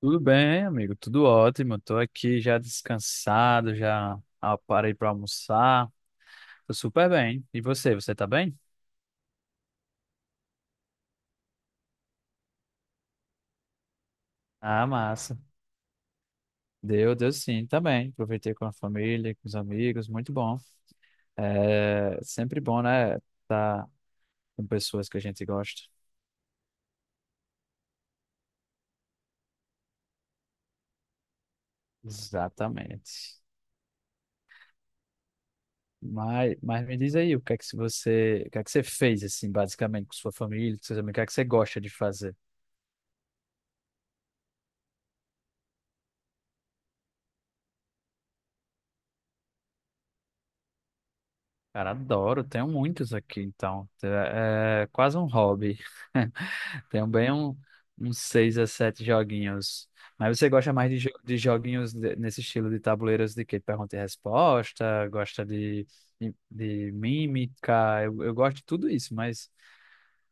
Tudo bem, amigo? Tudo ótimo. Estou aqui já descansado, já parei para almoçar. Tô super bem. E você, tá bem? Ah, massa. Deu sim, tá bem. Aproveitei com a família, com os amigos, muito bom. É sempre bom, né? Tá com pessoas que a gente gosta. Exatamente. Mas me diz aí, o que é que se você, o que é que você fez assim, basicamente com sua família, com seus amigos, o que é que você gosta de fazer? Cara, adoro, tenho muitos aqui, então. É quase um hobby. Tenho bem um, uns seis a sete joguinhos. Mas você gosta mais de, de joguinhos nesse estilo de tabuleiros de quê? Pergunta e resposta, gosta de, de mímica, eu gosto de tudo isso, mas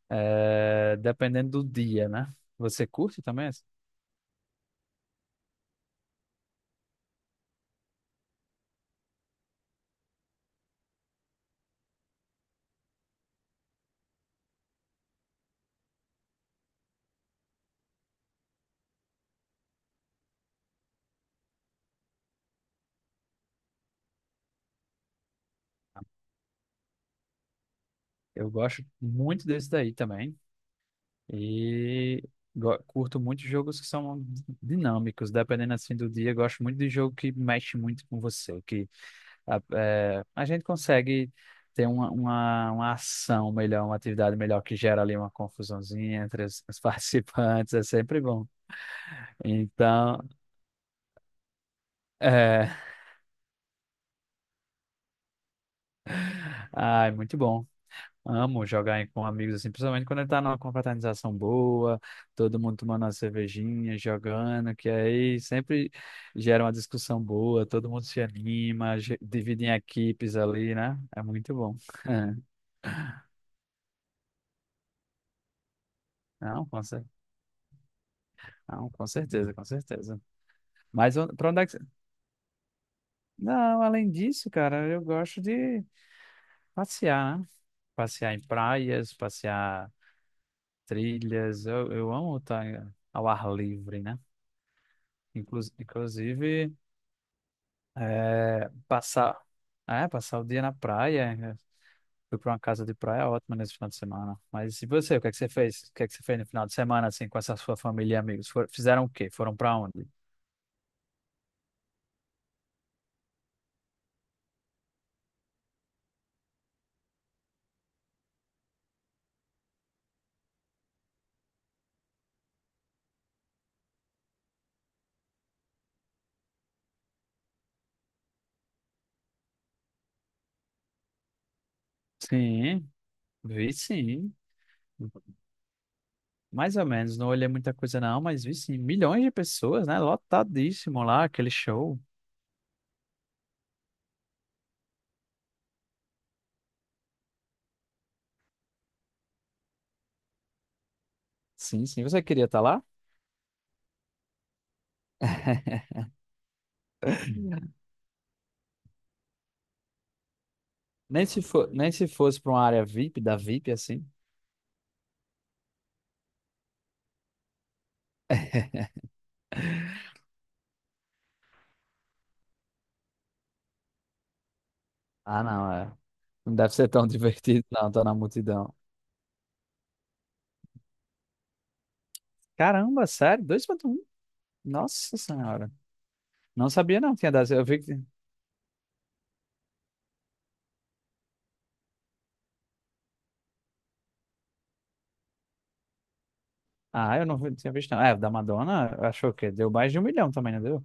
é, dependendo do dia, né? Você curte também? Eu gosto muito desse daí também. E curto muito jogos que são dinâmicos, dependendo assim do dia. Gosto muito de jogo que mexe muito com você, que a gente consegue ter uma, uma ação melhor, uma atividade melhor que gera ali uma confusãozinha entre os participantes. É sempre bom. Então, é, ai, muito bom. Amo jogar com amigos assim, principalmente quando tá numa confraternização boa, todo mundo tomando uma cervejinha, jogando, que aí sempre gera uma discussão boa, todo mundo se anima, divide em equipes ali, né? É muito bom. Não, com cer- Não, com certeza, com certeza. Mas pra onde é que... Não, além disso, cara, eu gosto de passear, né? Passear em praias, passear trilhas. Eu amo estar ao ar livre, né? Inclusive, É, passar, é, passar o dia na praia. Né? Fui para uma casa de praia ótima nesse final de semana. Mas e você, o que é que você fez? O que é que você fez no final de semana, assim, com essa sua família e amigos? Fizeram o quê? Foram para onde? Sim, vi sim. Mais ou menos, não olhei muita coisa não, mas vi sim. Milhões de pessoas, né? Lotadíssimo lá, aquele show. Sim, sim. Você queria estar lá? Nem se for, nem se fosse para uma área VIP, da VIP, assim. Ah, não, é. Não deve ser tão divertido, não, tá na multidão. Caramba, sério? 2 ponto um? Nossa senhora. Não sabia não que tinha dado. Eu vi que... Ah, eu não vi- tinha visto não. É, o da Madonna, achou que deu mais de um milhão também, não deu?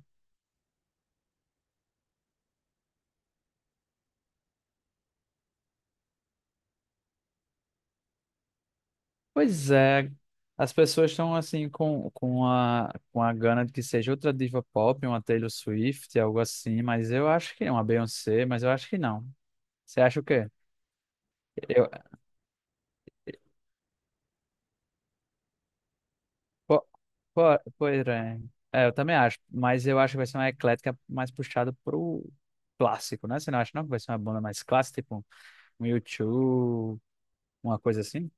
Pois é. As pessoas estão assim com, com a gana de que seja outra diva pop, uma Taylor Swift, algo assim, mas eu acho que é uma Beyoncé, mas eu acho que não. Você acha o quê? Eu, po, po, pois é. É, eu também acho, mas eu acho que vai ser uma eclética mais puxada pro clássico, né? Você não acha não que vai ser uma banda mais clássica, tipo um YouTube, uma coisa assim?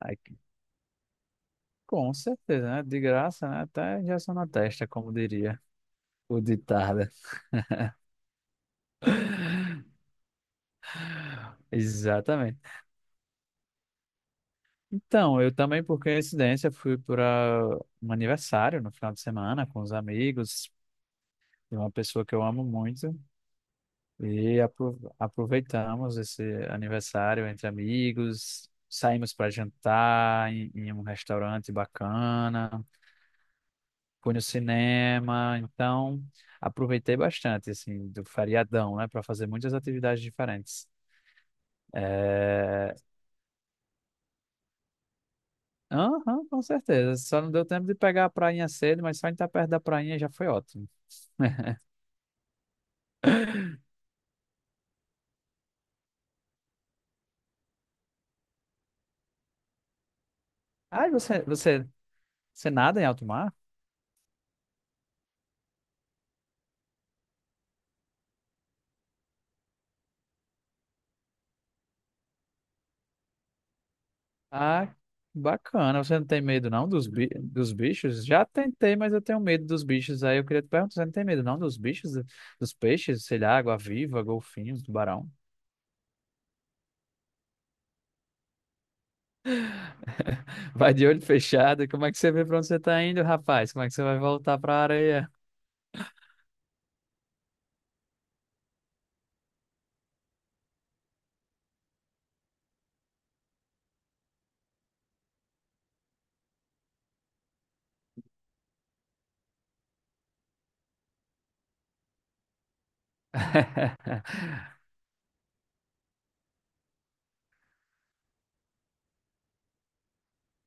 Aí, com certeza, né? De graça, né? Até injeção na testa, como diria o ditado. Exatamente. Então, eu também, por coincidência, fui para um aniversário no final de semana com os amigos de uma pessoa que eu amo muito. E aproveitamos esse aniversário entre amigos, saímos para jantar em um restaurante bacana, fui no cinema, então aproveitei bastante assim do feriadão, né, para fazer muitas atividades diferentes. É... aham, com certeza. Só não deu tempo de pegar a prainha cedo, mas só em estar perto da prainha já foi ótimo. Ah, e você, você nada em alto mar? Ah, bacana. Você não tem medo não dos, bi dos bichos? Já tentei, mas eu tenho medo dos bichos. Aí eu queria te perguntar, você não tem medo não dos bichos, dos peixes, sei lá, água-viva, golfinhos, tubarão? Vai de olho fechado. Como é que você vê pra onde você tá indo, rapaz? Como é que você vai voltar pra areia?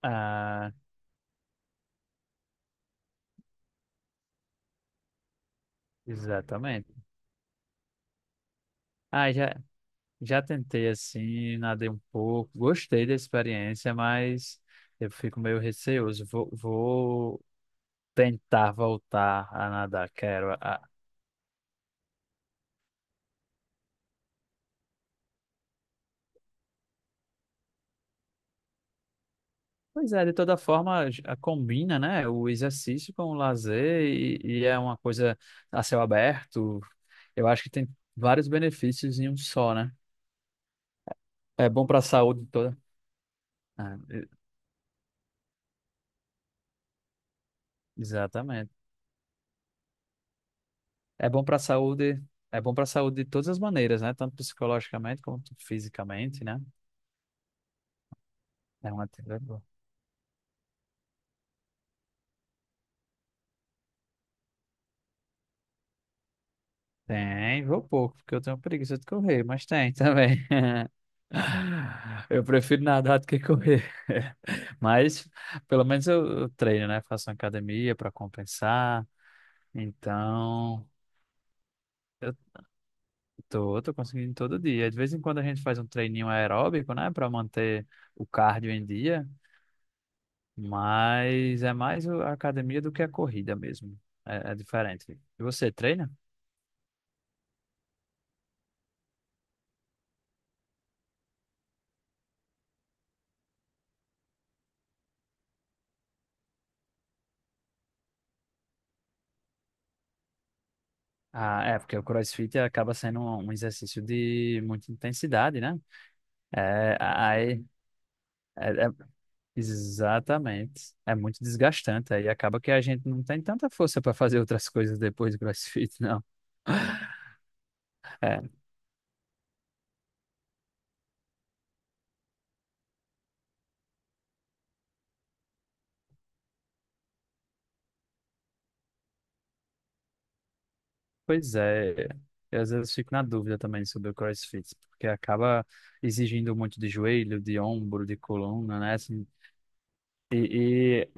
Ah, exatamente. Ah, já, já tentei assim, nadei um pouco, gostei da experiência, mas eu fico meio receoso. Vou tentar voltar a nadar, quero. Ah, pois é, de toda forma, combina, né, o exercício com o lazer e é uma coisa a céu aberto. Eu acho que tem vários benefícios em um só, né? É bom para a saúde toda. Ah, e- exatamente. É bom para a saúde, é bom para a saúde de todas as maneiras, né? Tanto psicologicamente quanto fisicamente, né? É uma atividade boa. Tem, vou pouco, porque eu tenho preguiça de correr, mas tem também. Eu prefiro nadar do que correr. Mas pelo menos eu treino, né? Faço uma academia para compensar. Então, eu tô, tô conseguindo todo dia. De vez em quando a gente faz um treininho aeróbico, né? Para manter o cardio em dia. Mas é mais a academia do que a corrida mesmo. É, é diferente. E você treina? Ah, é, porque o CrossFit acaba sendo um exercício de muita intensidade, né? É, aí, é- é- exatamente. É muito desgastante. Aí acaba que a gente não tem tanta força para fazer outras coisas depois do CrossFit, não. É, pois é. Eu às vezes fico na dúvida também sobre o CrossFit, porque acaba exigindo muito de joelho, de ombro, de coluna, né? Assim, e,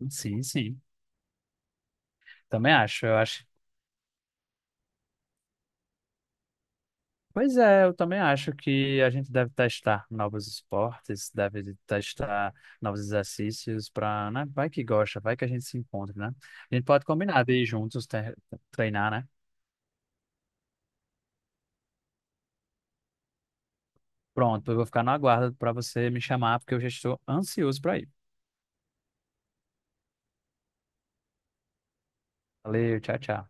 sim, sim. Também acho. Eu acho Pois é, eu também acho que a gente deve testar novos esportes, deve testar novos exercícios para, né? Vai que gosta, vai que a gente se encontra, né? A gente pode combinar de ir juntos treinar, né? Pronto, eu vou ficar no aguardo para você me chamar, porque eu já estou ansioso para ir. Valeu, tchau, tchau.